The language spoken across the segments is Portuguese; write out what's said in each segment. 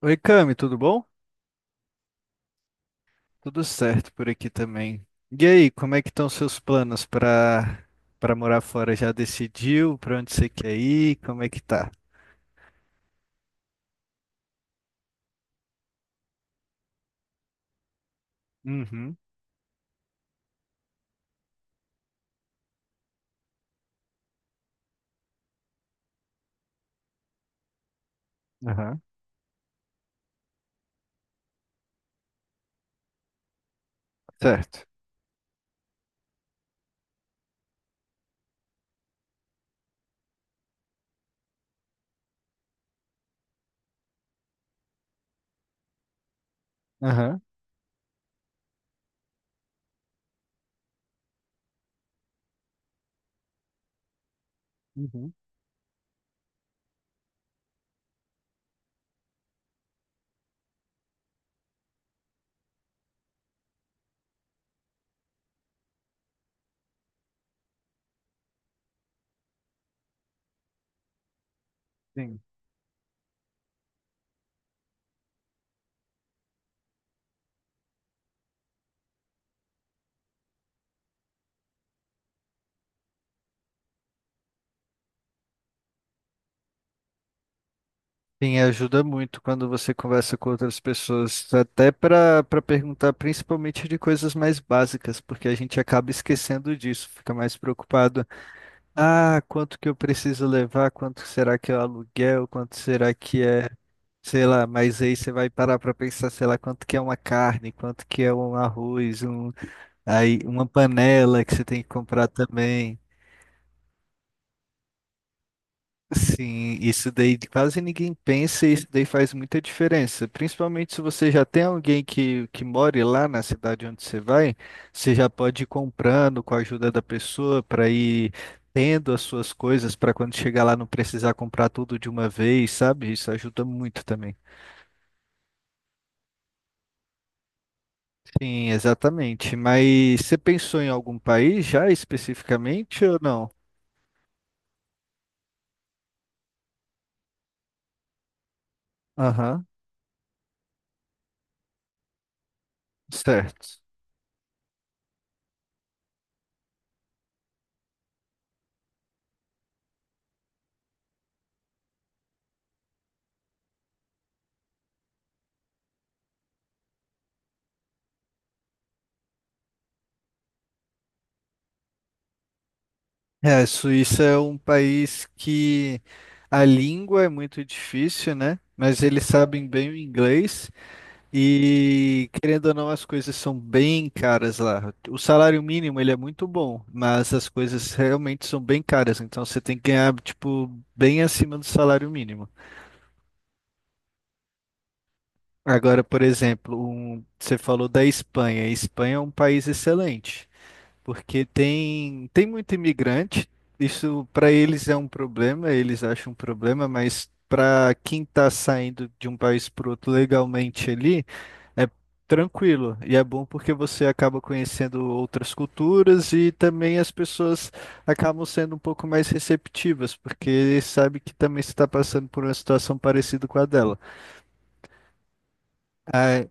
Oi, Cami, tudo bom? Tudo certo por aqui também. E aí, como é que estão seus planos para morar fora? Já decidiu para onde você quer ir? Como é que tá? Uhum. Aham. Certo. Aham. Uhum. Sim. Sim, ajuda muito quando você conversa com outras pessoas, até para perguntar principalmente de coisas mais básicas, porque a gente acaba esquecendo disso, fica mais preocupado. Ah, quanto que eu preciso levar? Quanto será que é o aluguel? Quanto será que é, sei lá, mas aí você vai parar para pensar, sei lá, quanto que é uma carne, quanto que é um arroz, um aí uma panela que você tem que comprar também. Sim, isso daí quase ninguém pensa e isso daí faz muita diferença. Principalmente se você já tem alguém que more lá na cidade onde você vai, você já pode ir comprando com a ajuda da pessoa para ir tendo as suas coisas para quando chegar lá não precisar comprar tudo de uma vez, sabe? Isso ajuda muito também. Sim, exatamente. Mas você pensou em algum país já especificamente ou não? Aham. Certo. É, a Suíça é um país que a língua é muito difícil, né? Mas eles sabem bem o inglês e, querendo ou não, as coisas são bem caras lá. O salário mínimo, ele é muito bom, mas as coisas realmente são bem caras. Então, você tem que ganhar, tipo, bem acima do salário mínimo. Agora, por exemplo, você falou da Espanha. A Espanha é um país excelente. Porque tem muito imigrante, isso para eles é um problema, eles acham um problema, mas para quem está saindo de um país para outro legalmente ali, é tranquilo. E é bom porque você acaba conhecendo outras culturas e também as pessoas acabam sendo um pouco mais receptivas, porque sabe que também você está passando por uma situação parecida com a dela. Ah,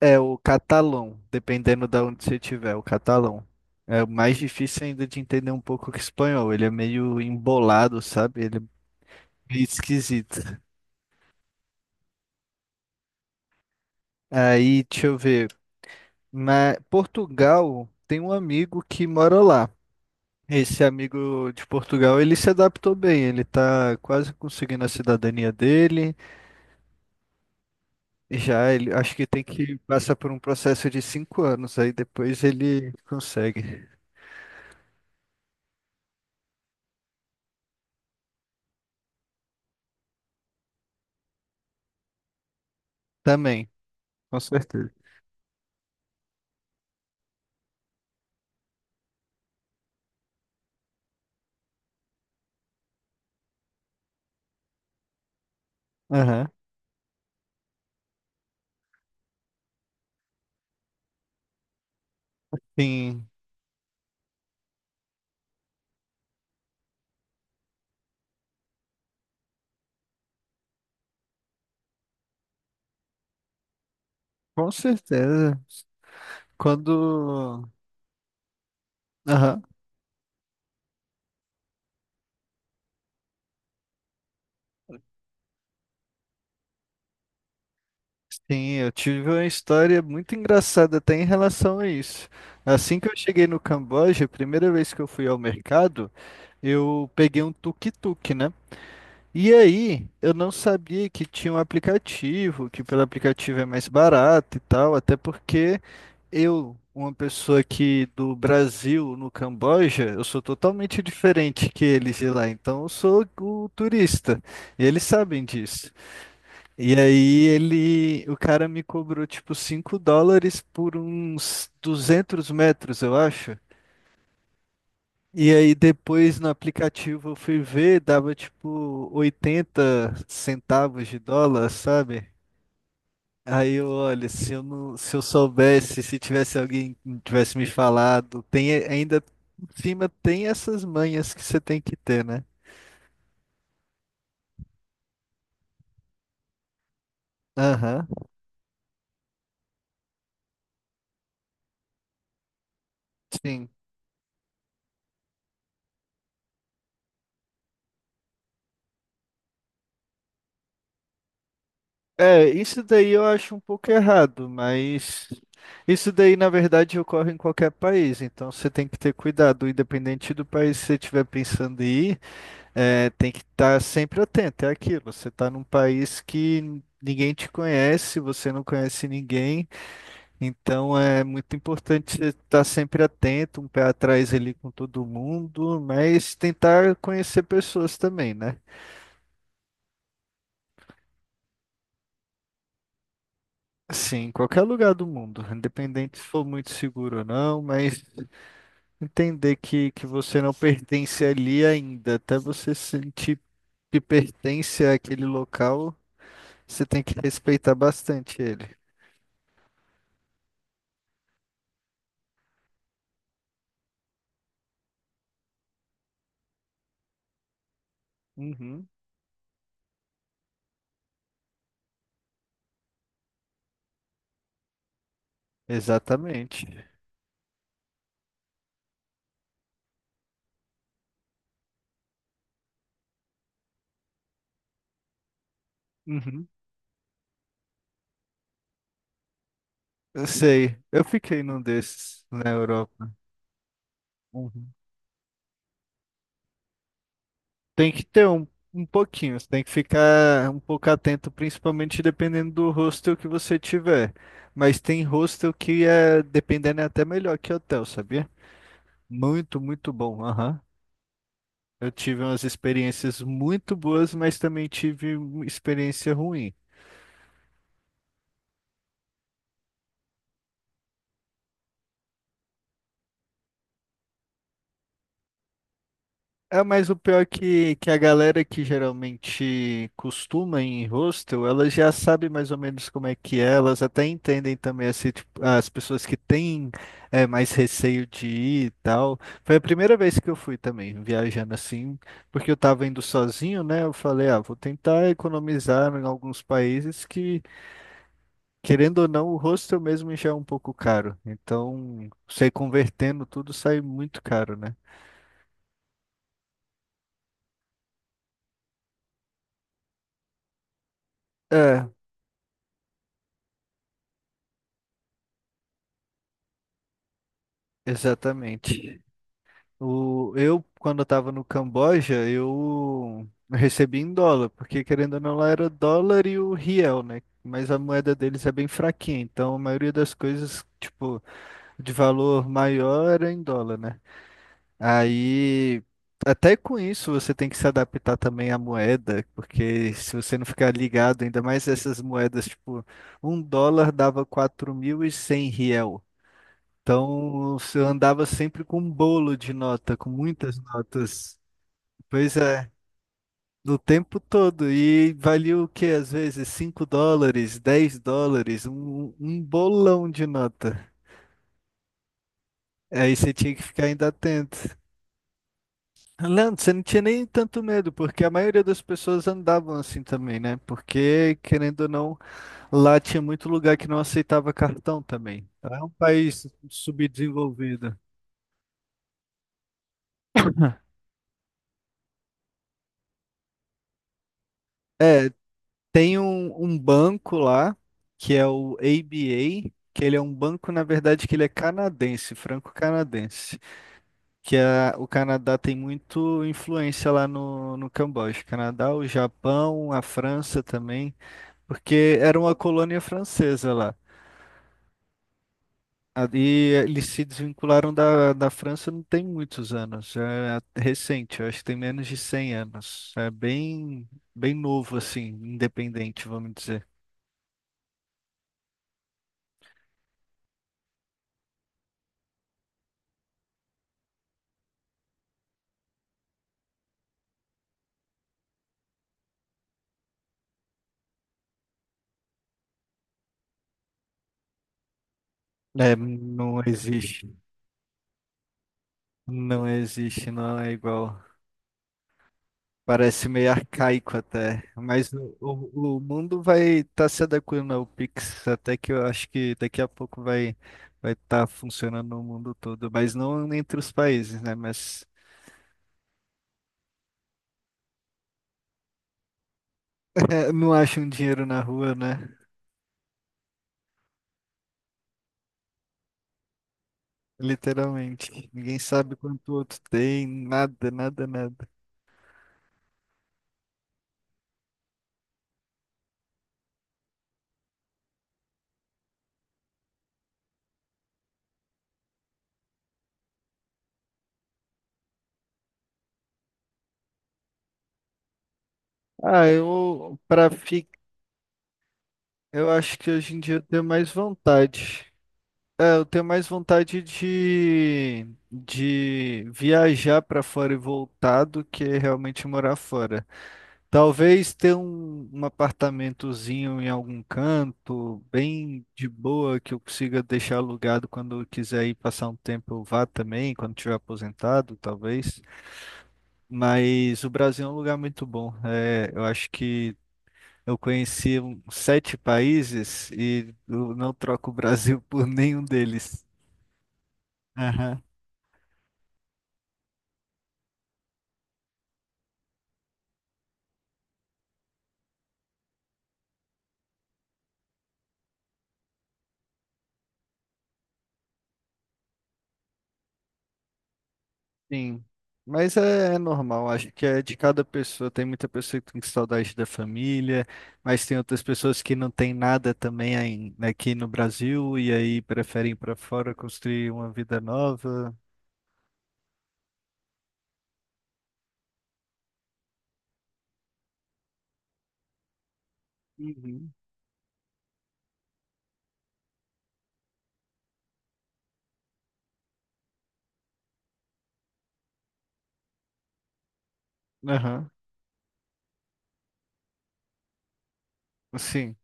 é o catalão, dependendo da onde você estiver, o catalão. É mais difícil ainda de entender um pouco que o espanhol. Ele é meio embolado, sabe? Ele é meio esquisito. Aí, deixa eu ver. Na Portugal, tem um amigo que mora lá. Esse amigo de Portugal, ele se adaptou bem. Ele tá quase conseguindo a cidadania dele. Já ele, acho que tem que passar por um processo de 5 anos. Aí depois ele consegue. Também, com certeza. Aham. Sim. Com certeza. Quando. Aham. Sim, eu tive uma história muito engraçada até em relação a isso. Assim que eu cheguei no Camboja, a primeira vez que eu fui ao mercado, eu peguei um tuk-tuk, né? E aí, eu não sabia que tinha um aplicativo, que pelo aplicativo é mais barato e tal, até porque eu, uma pessoa aqui do Brasil, no Camboja, eu sou totalmente diferente que eles de lá, então eu sou o turista. E eles sabem disso. E aí ele, o cara me cobrou tipo 5 dólares por uns 200 metros, eu acho. E aí depois no aplicativo eu fui ver, dava tipo 80 centavos de dólar, sabe? Aí eu, olha, se eu não, se eu soubesse, se tivesse alguém que tivesse me falado, tem ainda por cima tem essas manhas que você tem que ter, né? Aham. Sim. É, isso daí eu acho um pouco errado, mas isso daí na verdade ocorre em qualquer país, então você tem que ter cuidado, independente do país que você estiver pensando em ir, é, tem que estar sempre atento, é aquilo, você está num país que ninguém te conhece, você não conhece ninguém, então é muito importante você estar sempre atento, um pé atrás ali com todo mundo, mas tentar conhecer pessoas também, né? Sim, em qualquer lugar do mundo, independente se for muito seguro ou não, mas entender que você não pertence ali ainda, até você sentir que pertence àquele local, você tem que respeitar bastante ele. Uhum. Exatamente. Uhum, eu sei, eu fiquei num desses na Europa. Uhum. Tem que ter um pouquinho, você tem que ficar um pouco atento, principalmente dependendo do hostel que você tiver. Mas tem hostel que é, dependendo, é até melhor que hotel, sabia? Muito, muito bom. Aham. Eu tive umas experiências muito boas, mas também tive uma experiência ruim. É, mas o pior é que a galera que geralmente costuma ir em hostel, elas já sabem mais ou menos como é que é, elas até entendem também assim, tipo, as pessoas que têm é, mais receio de ir e tal. Foi a primeira vez que eu fui também, viajando assim, porque eu tava indo sozinho, né? Eu falei, ah, vou tentar economizar em alguns países que, querendo ou não, o hostel mesmo já é um pouco caro. Então, você convertendo tudo sai muito caro, né? É, exatamente. O, eu, quando eu tava no Camboja, eu recebi em dólar, porque querendo ou não, lá era dólar e o riel, né? Mas a moeda deles é bem fraquinha, então a maioria das coisas, tipo, de valor maior era em dólar, né? Aí, até com isso, você tem que se adaptar também à moeda, porque se você não ficar ligado, ainda mais essas moedas, tipo, um dólar dava 4.100 riel. Então, eu andava sempre com um bolo de nota, com muitas notas. Pois é, no tempo todo. E valia o quê? Às vezes 5 dólares, 10 dólares, um bolão de nota. Aí você tinha que ficar ainda atento. Leandro, você não tinha nem tanto medo, porque a maioria das pessoas andavam assim também, né? Porque, querendo ou não, lá tinha muito lugar que não aceitava cartão também. Então, é um país subdesenvolvido. É. Tem um banco lá, que é o ABA, que ele é um banco, na verdade, que ele é canadense, franco-canadense, que a, o Canadá tem muito influência lá no Camboja. Canadá, o Japão, a França também, porque era uma colônia francesa lá. E eles se desvincularam da França não tem muitos anos, é recente, eu acho que tem menos de 100 anos. É bem, bem novo, assim, independente, vamos dizer. É, não existe. Não existe, não é igual. Parece meio arcaico até. Mas o mundo vai estar se adequando ao Pix, até que eu acho que daqui a pouco vai estar funcionando no mundo todo. Mas não entre os países, né? Mas é, não acham dinheiro na rua, né? Literalmente. Ninguém sabe quanto o outro tem, nada, nada, nada. Ah, eu para ficar, eu acho que hoje em dia eu tenho mais vontade. É, eu tenho mais vontade de viajar para fora e voltar do que realmente morar fora. Talvez ter um apartamentozinho em algum canto, bem de boa, que eu consiga deixar alugado quando eu quiser ir passar um tempo, eu vá também, quando tiver aposentado, talvez. Mas o Brasil é um lugar muito bom. É, eu acho que eu conheci 7 países e eu não troco o Brasil por nenhum deles. Aham. Sim, mas é, é normal, acho que é de cada pessoa. Tem muita pessoa que tem saudade da família, mas tem outras pessoas que não tem nada também né, aqui no Brasil e aí preferem ir para fora construir uma vida nova. Uhum. Aham. Sim.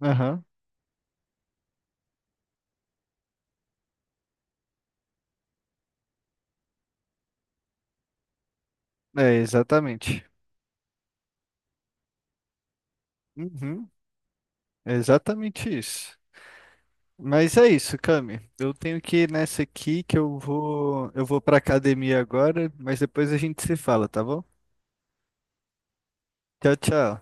Aham. É exatamente. Uhum. É exatamente isso. Mas é isso, Cami. Eu tenho que ir nessa aqui que eu vou para academia agora, mas depois a gente se fala, tá bom? Tchau, tchau.